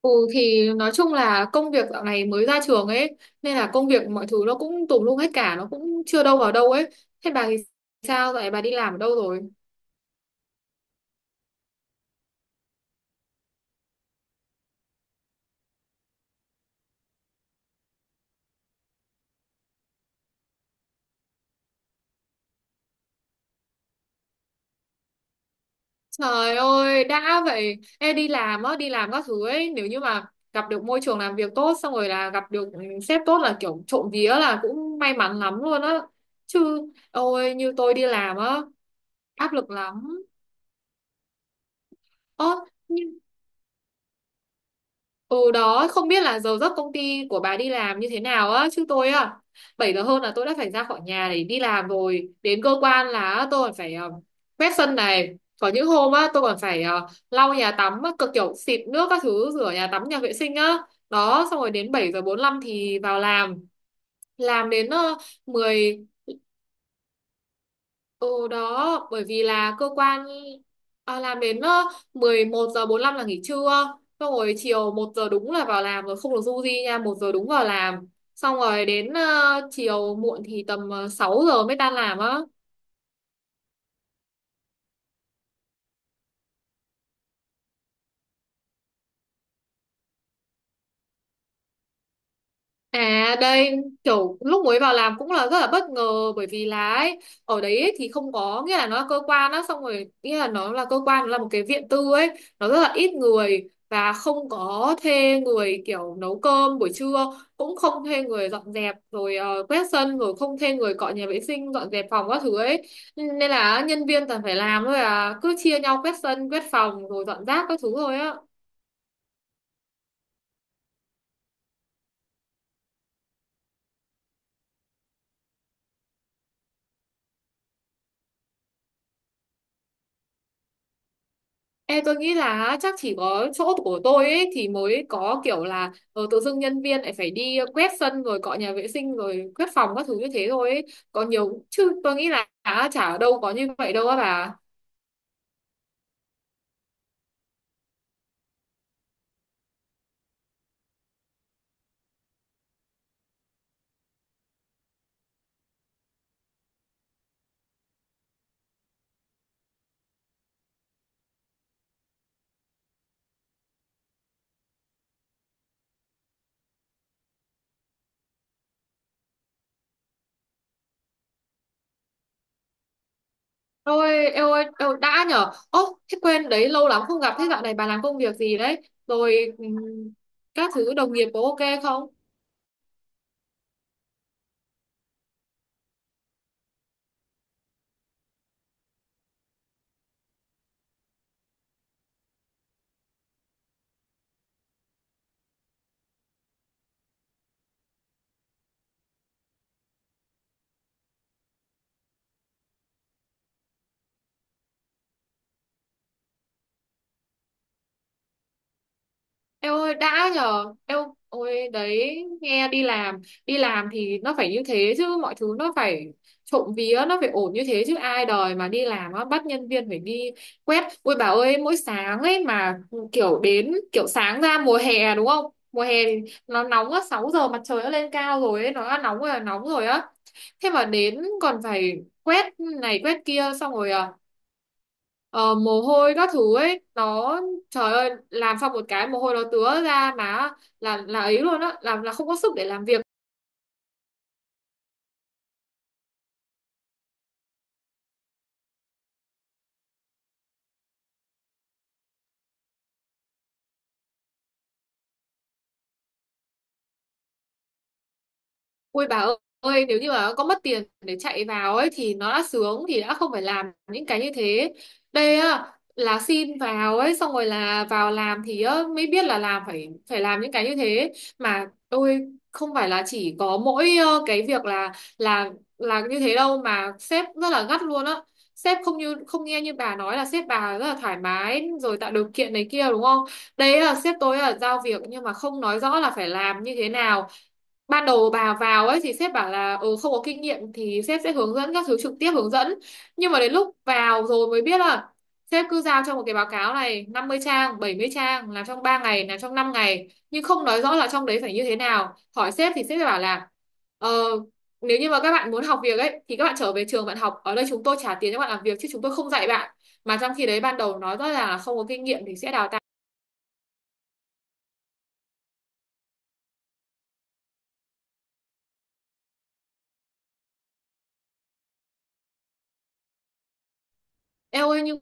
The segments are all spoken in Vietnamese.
Ừ thì nói chung là công việc dạo này mới ra trường ấy, nên là công việc mọi thứ nó cũng tùm lum hết cả, nó cũng chưa đâu vào đâu ấy. Thế bà thì sao vậy, bà đi làm ở đâu rồi? Trời ơi, đã vậy em đi làm á, đi làm các thứ ấy nếu như mà gặp được môi trường làm việc tốt, xong rồi là gặp được sếp tốt là kiểu trộm vía là cũng may mắn lắm luôn á. Chứ ôi như tôi đi làm á, áp lực lắm. ơ Ừ đó, không biết là giờ giấc công ty của bà đi làm như thế nào á, chứ tôi á, 7 giờ hơn là tôi đã phải ra khỏi nhà để đi làm rồi. Đến cơ quan là tôi còn phải quét sân này. Có những hôm á, tôi còn phải lau nhà tắm, á, cực kiểu xịt nước các thứ, rửa nhà tắm, nhà vệ sinh á. Đó, xong rồi đến 7 giờ 45 thì vào làm. Làm đến uh, ừ đó, bởi vì là cơ quan à, làm đến 11 giờ 45 là nghỉ trưa. Xong rồi chiều một giờ đúng là vào làm, rồi không được du di nha, một giờ đúng vào làm. Xong rồi đến chiều muộn thì tầm 6 giờ mới tan làm á. À đây, kiểu lúc mới vào làm cũng là rất là bất ngờ bởi vì là ấy, ở đấy ấy, thì không có nghĩa là nó là cơ quan á, xong rồi nghĩa là nó là cơ quan, nó là một cái viện tư ấy, nó rất là ít người và không có thuê người kiểu nấu cơm buổi trưa, cũng không thuê người dọn dẹp rồi quét sân, rồi không thuê người cọ nhà vệ sinh, dọn dẹp phòng các thứ ấy, nên là nhân viên toàn phải làm thôi, à cứ chia nhau quét sân, quét phòng rồi dọn rác các thứ thôi á. Ê, tôi nghĩ là á, chắc chỉ có chỗ của tôi ấy thì mới có kiểu là tự dưng nhân viên lại phải đi quét sân rồi cọ nhà vệ sinh rồi quét phòng các thứ như thế thôi ấy. Còn nhiều chứ tôi nghĩ là á, chả ở đâu có như vậy đâu á bà. Ôi, eo ơi, eo, đã nhở. Ô, thế quên đấy, lâu lắm không gặp. Thế dạo này bà làm công việc gì đấy? Rồi các thứ đồng nghiệp có ok không? Eo ơi đã nhờ, eo ôi đấy, nghe đi làm, đi làm thì nó phải như thế chứ, mọi thứ nó phải trộm vía nó phải ổn như thế chứ, ai đời mà đi làm á bắt nhân viên phải đi quét. Ôi bà ơi, mỗi sáng ấy mà kiểu đến kiểu sáng ra mùa hè đúng không, mùa hè thì nó nóng á, 6 giờ mặt trời nó lên cao rồi ấy, nó đã nóng rồi là nóng rồi á, thế mà đến còn phải quét này quét kia, xong rồi à ờ, mồ hôi các thứ ấy nó, trời ơi làm xong một cái mồ hôi nó tứa ra má, là ấy luôn á, làm là không có sức để làm việc. Ui bà ơi, nếu như mà có mất tiền để chạy vào ấy thì nó đã sướng, thì đã không phải làm những cái như thế. Đây á là xin vào ấy, xong rồi là vào làm thì á, mới biết là làm phải phải làm những cái như thế, mà tôi không phải là chỉ có mỗi cái việc là là như thế đâu, mà sếp rất là gắt luôn á. Sếp không như không nghe, như bà nói là sếp bà rất là thoải mái rồi tạo điều kiện này kia đúng không? Đấy là sếp tôi là giao việc nhưng mà không nói rõ là phải làm như thế nào. Ban đầu bà vào ấy thì sếp bảo là không có kinh nghiệm thì sếp sẽ hướng dẫn các thứ, trực tiếp hướng dẫn, nhưng mà đến lúc vào rồi mới biết là sếp cứ giao cho một cái báo cáo này 50 trang, 70 trang, làm trong 3 ngày, làm trong 5 ngày nhưng không nói rõ là trong đấy phải như thế nào. Hỏi sếp thì sếp sẽ bảo là ờ, nếu như mà các bạn muốn học việc ấy thì các bạn trở về trường bạn học, ở đây chúng tôi trả tiền cho bạn làm việc chứ chúng tôi không dạy bạn, mà trong khi đấy ban đầu nói rõ ràng là không có kinh nghiệm thì sẽ đào tạo. Eo ơi nhưng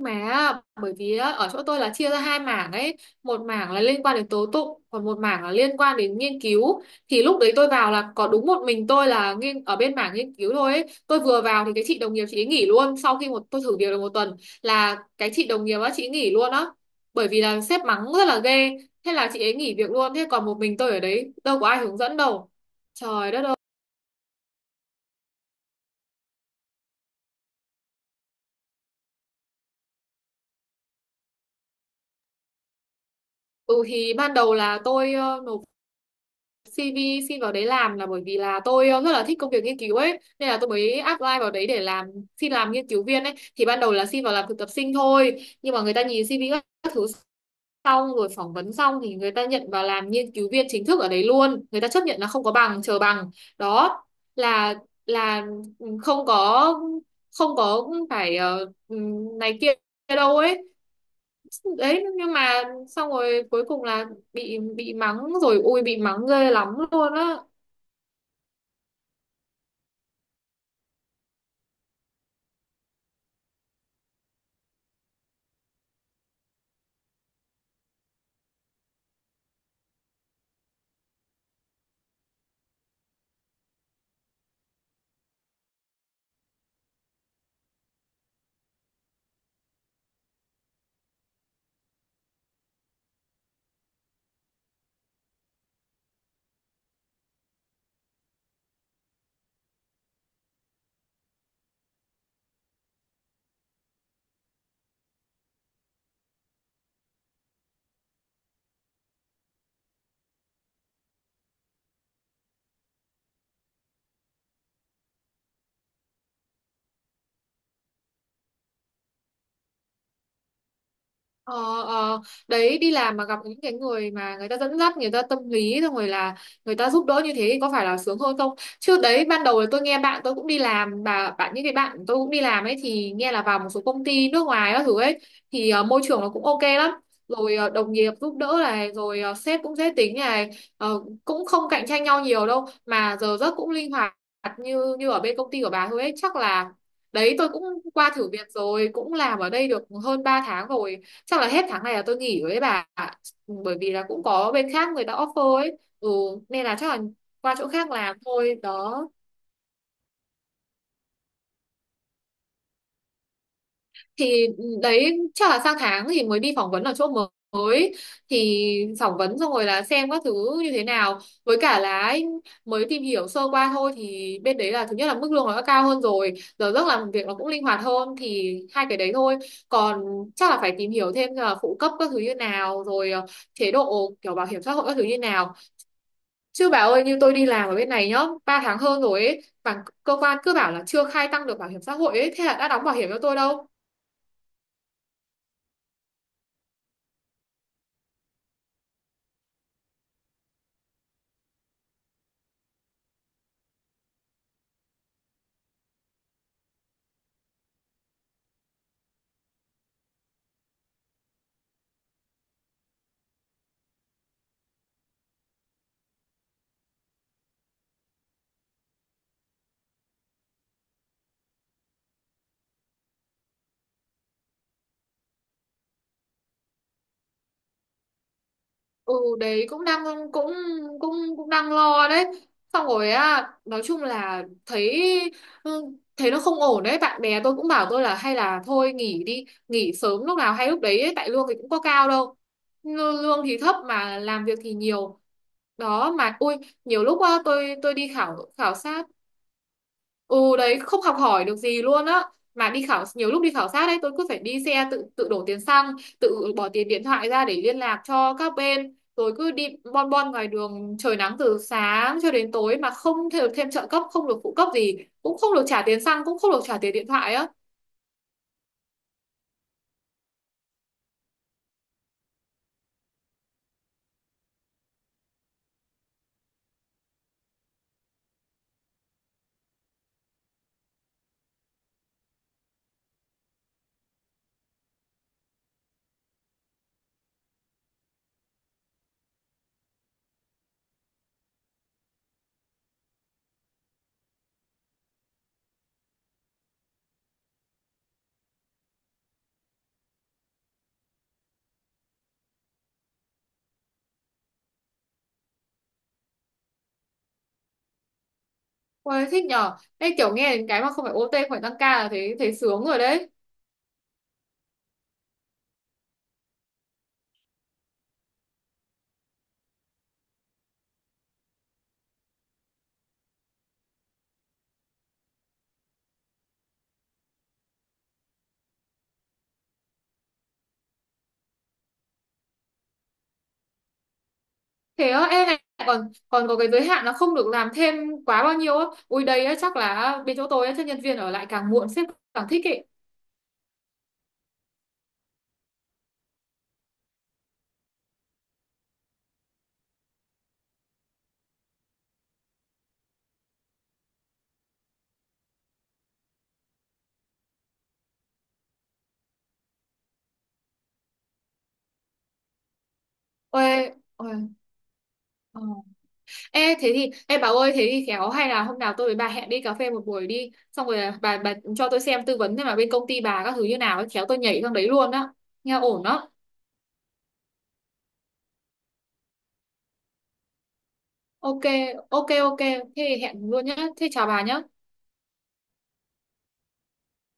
mà bởi vì á, ở chỗ tôi là chia ra hai mảng ấy, một mảng là liên quan đến tố tụng, còn một mảng là liên quan đến nghiên cứu, thì lúc đấy tôi vào là có đúng một mình tôi là nghiên ở bên mảng nghiên cứu thôi ấy. Tôi vừa vào thì cái chị đồng nghiệp chị ấy nghỉ luôn, sau khi một tôi thử việc được 1 tuần là cái chị đồng nghiệp á chị ấy nghỉ luôn á, bởi vì là sếp mắng rất là ghê, thế là chị ấy nghỉ việc luôn, thế còn một mình tôi ở đấy đâu có ai hướng dẫn đâu. Trời đất ơi, ừ thì ban đầu là tôi nộp CV xin vào đấy làm là bởi vì là tôi rất là thích công việc nghiên cứu ấy, nên là tôi mới apply vào đấy để làm, xin làm nghiên cứu viên ấy. Thì ban đầu là xin vào làm thực tập sinh thôi, nhưng mà người ta nhìn CV các thứ, xong rồi phỏng vấn xong thì người ta nhận vào làm nghiên cứu viên chính thức ở đấy luôn. Người ta chấp nhận là không có bằng, chờ bằng. Đó là là không có, không có phải này kia đâu ấy. Đấy nhưng mà xong rồi cuối cùng là bị mắng, rồi ui bị mắng ghê lắm luôn á. Ờ, ờ, đấy đi làm mà gặp những cái người mà người ta dẫn dắt, người ta tâm lý, xong rồi là người ta giúp đỡ như thế thì có phải là sướng hơn không. Chứ đấy ban đầu là tôi nghe bạn tôi cũng đi làm, bà bạn, những cái bạn tôi cũng đi làm ấy, thì nghe là vào một số công ty nước ngoài các thứ ấy thì môi trường nó cũng ok lắm, rồi đồng nghiệp giúp đỡ này, rồi sếp cũng dễ tính này, cũng không cạnh tranh nhau nhiều đâu, mà giờ giấc cũng linh hoạt, như như ở bên công ty của bà thôi ấy chắc là. Đấy tôi cũng qua thử việc rồi, cũng làm ở đây được hơn 3 tháng rồi, chắc là hết tháng này là tôi nghỉ rồi đấy bà ạ. Bởi vì là cũng có bên khác người ta offer ấy, ừ, nên là chắc là qua chỗ khác làm thôi đó. Thì đấy chắc là sang tháng thì mới đi phỏng vấn ở chỗ mới, thì phỏng vấn xong rồi là xem các thứ như thế nào, với cả là ấy, mới tìm hiểu sơ qua thôi thì bên đấy là thứ nhất là mức lương nó đã cao hơn rồi, giờ giấc làm việc nó cũng linh hoạt hơn, thì hai cái đấy thôi. Còn chắc là phải tìm hiểu thêm là phụ cấp các thứ như nào, rồi chế độ kiểu bảo hiểm xã hội các thứ như nào. Chứ bà ơi như tôi đi làm ở bên này nhá, 3 tháng hơn rồi ấy, mà cơ quan cứ bảo là chưa khai tăng được bảo hiểm xã hội ấy, thế là đã đóng bảo hiểm cho tôi đâu. Ừ đấy cũng đang, cũng cũng cũng đang lo đấy. Xong rồi á nói chung là thấy ừ, thấy nó không ổn đấy. Bạn bè tôi cũng bảo tôi là hay là thôi nghỉ đi, nghỉ sớm lúc nào hay lúc đấy ấy, tại lương thì cũng có cao đâu, Lương lương thì thấp mà làm việc thì nhiều đó, mà ui nhiều lúc á, tôi đi khảo khảo sát. Ừ đấy không học hỏi được gì luôn á, mà đi khảo, nhiều lúc đi khảo sát đấy tôi cứ phải đi xe, tự tự đổ tiền xăng, tự bỏ tiền điện thoại ra để liên lạc cho các bên, rồi cứ đi bon bon ngoài đường trời nắng từ sáng cho đến tối, mà không thể được thêm trợ cấp, không được phụ cấp gì, cũng không được trả tiền xăng, cũng không được trả tiền điện thoại á. Ôi thích nhở, đây kiểu nghe đến cái mà không phải OT phải tăng ca là thấy, thấy sướng rồi đấy. Thế á em này, còn còn có cái giới hạn là không được làm thêm quá bao nhiêu á? Ui đây á chắc là bên chỗ tôi á, chắc nhân viên ở lại càng muộn sếp càng thích ý. Ôi, ôi, ờ. Ê, thế thì, ê bảo ơi, thế thì khéo hay là hôm nào tôi với bà hẹn đi cà phê một buổi đi, xong rồi à, bà cho tôi xem, tư vấn xem là bên công ty bà các thứ như nào, ấy, khéo tôi nhảy sang đấy luôn đó. Nghe ổn đó. Ok, ok, ok, thế thì hẹn luôn nhá, thế chào bà nhá.